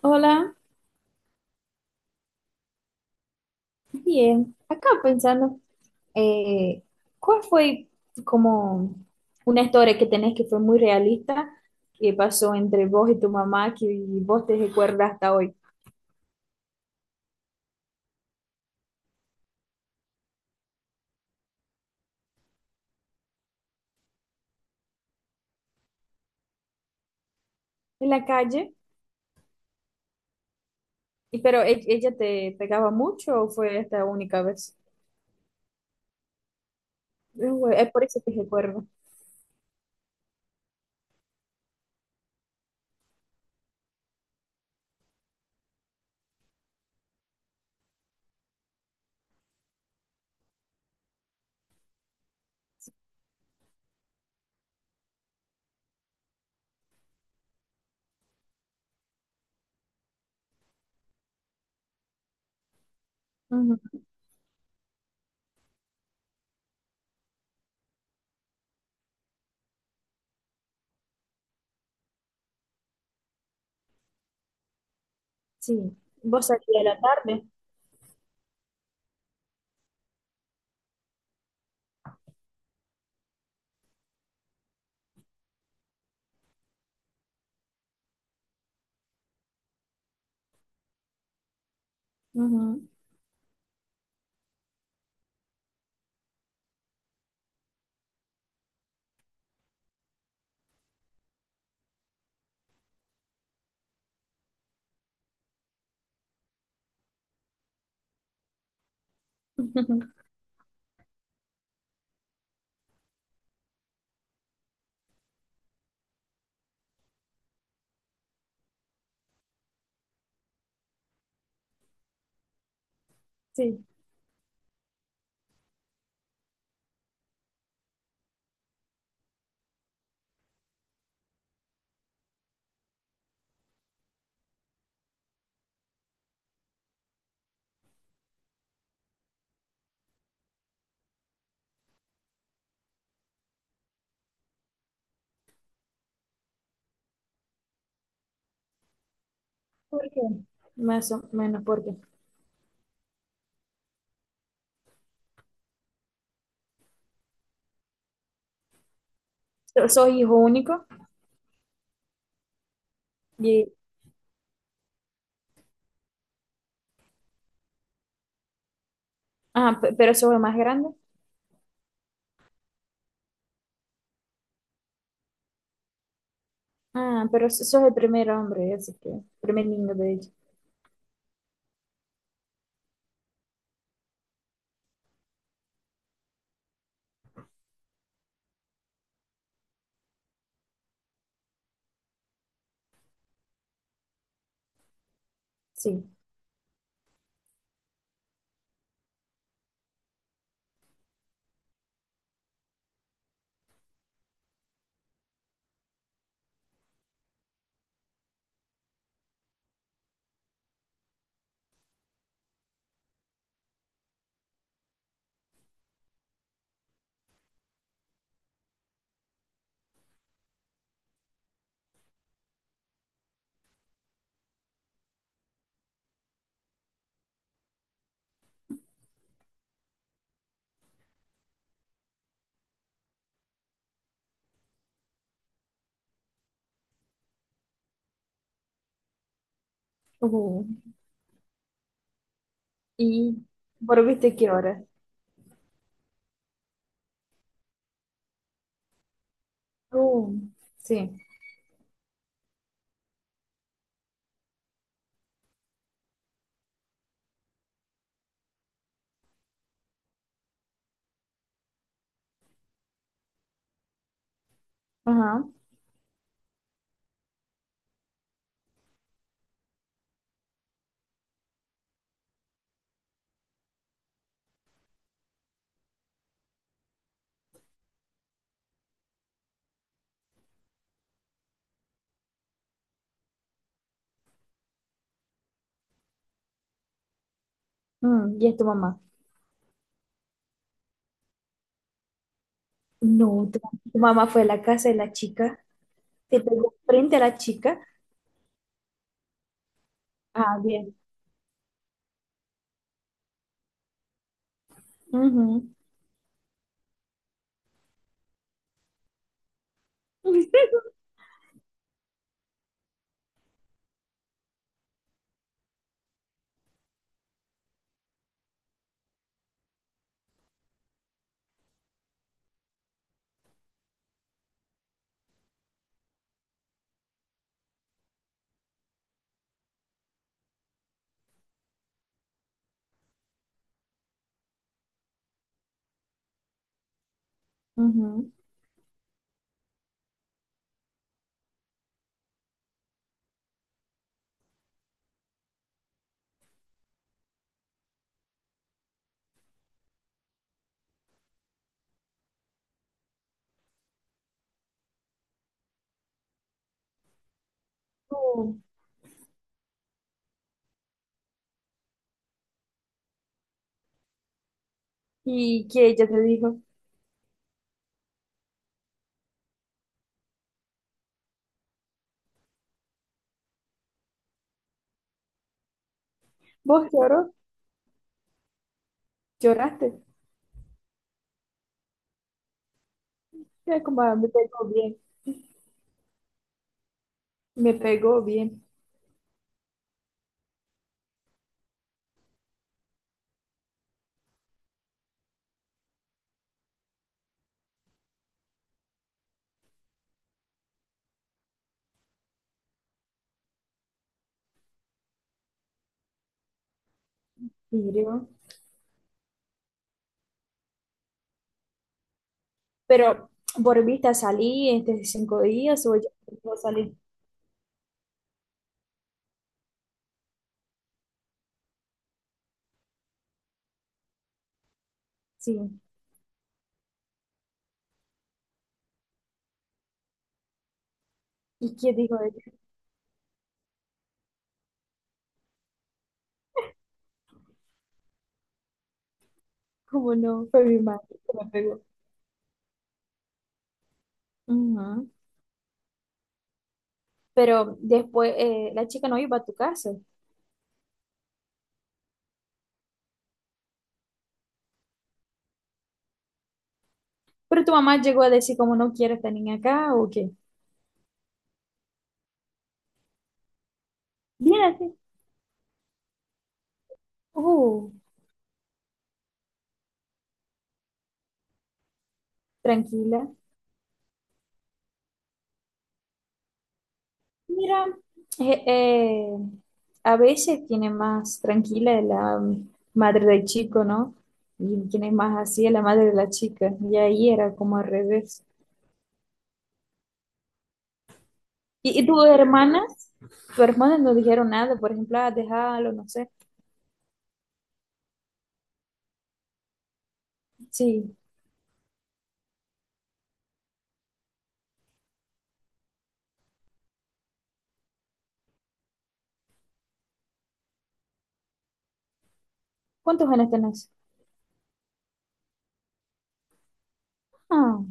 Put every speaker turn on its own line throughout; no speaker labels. Hola, bien. Acá pensando, eh, ¿cuál fue como una historia que tenés que fue muy realista que pasó entre vos y tu mamá que vos te recuerdas hasta hoy? En la calle, ¿y pero ella te pegaba mucho o fue esta única vez? Es es por eso que recuerdo. Ujú. Sí, vos salías a la tarde. Ujú. Sí, ¿por qué? Más o menos porque soy hijo único y, ah, pero soy el más grande. Ah, pero sos el primer hombre, así que, primer niño de ella. Sí. Uh, y, ¿por viste qué hora? Uh, sí. Ajá. Mm, y es tu mamá. No, tu mamá fue a la casa de la chica, te pegó frente a la chica. Ah, bien. Ujú. Ujú. Uh, ¿y que ella te dijo? ¿Vos lloró? ¿Lloraste? Mira como "Ah, me pegó bien, me pegó bien". Mire, pero, ¿volviste a salir estos cinco días o ya volvió a salir? Sí. ¿Y qué dijo ella? Como no, fue mi madre que me pegó. Ujú. Pero después la chica no iba a tu casa. Pero tu mamá llegó a decir como no quiero esta niña acá o qué. Mírate. Oh, tranquila. Mira, eh, eh, a veces tiene más tranquila es la madre del chico, ¿no? Y quien es más así es la madre de la chica. Y ahí era como al revés. Y tus hermanas? Tus hermanas no dijeron nada, por ejemplo, ah, déjalo, no sé. Sí. ¿Cuántos años tenés? Ah,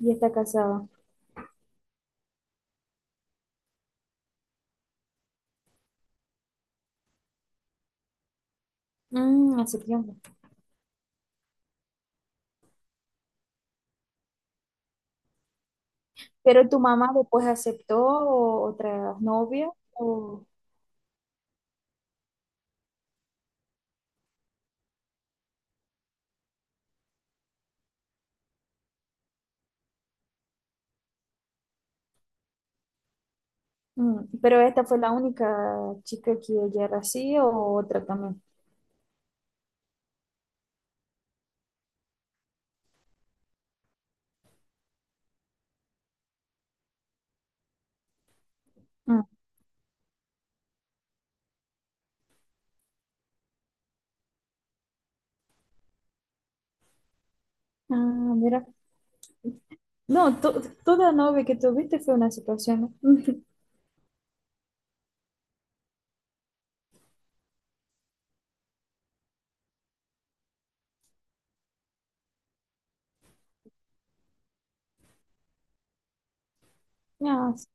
y está casada. Mm, hace tiempo. Pero tu mamá después aceptó otra novia o... Mm, pero esta fue la única chica que ella era así o otra también. Mm. Ah, mira. No, toda novia que tuviste fue una situación, ¿no? Ah, sí.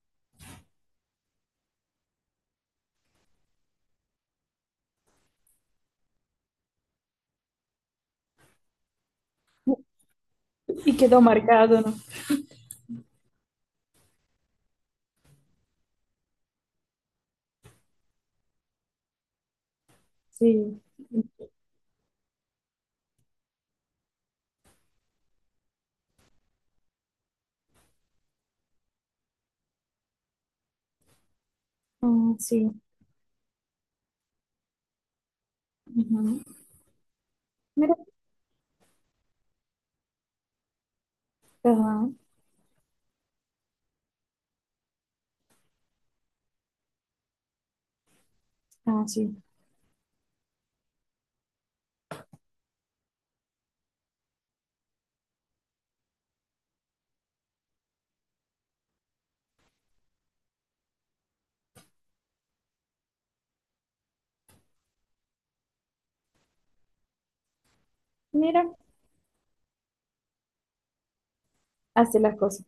Y quedó marcado, ¿no? Sí. Ah, sí. Ujú. Mira, ajá. Ah, sí. Mira, hace las cosas.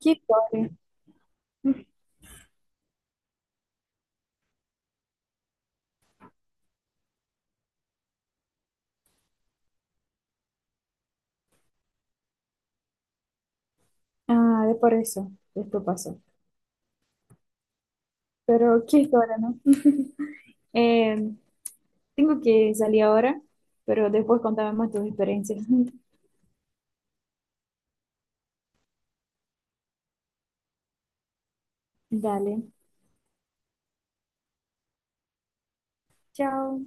¿Qué historia? Ah, de por eso. Esto pasó. Pero, ¿qué historia, no? Eh, tengo que salir ahora, pero después contame más tus experiencias. Dale. Chao.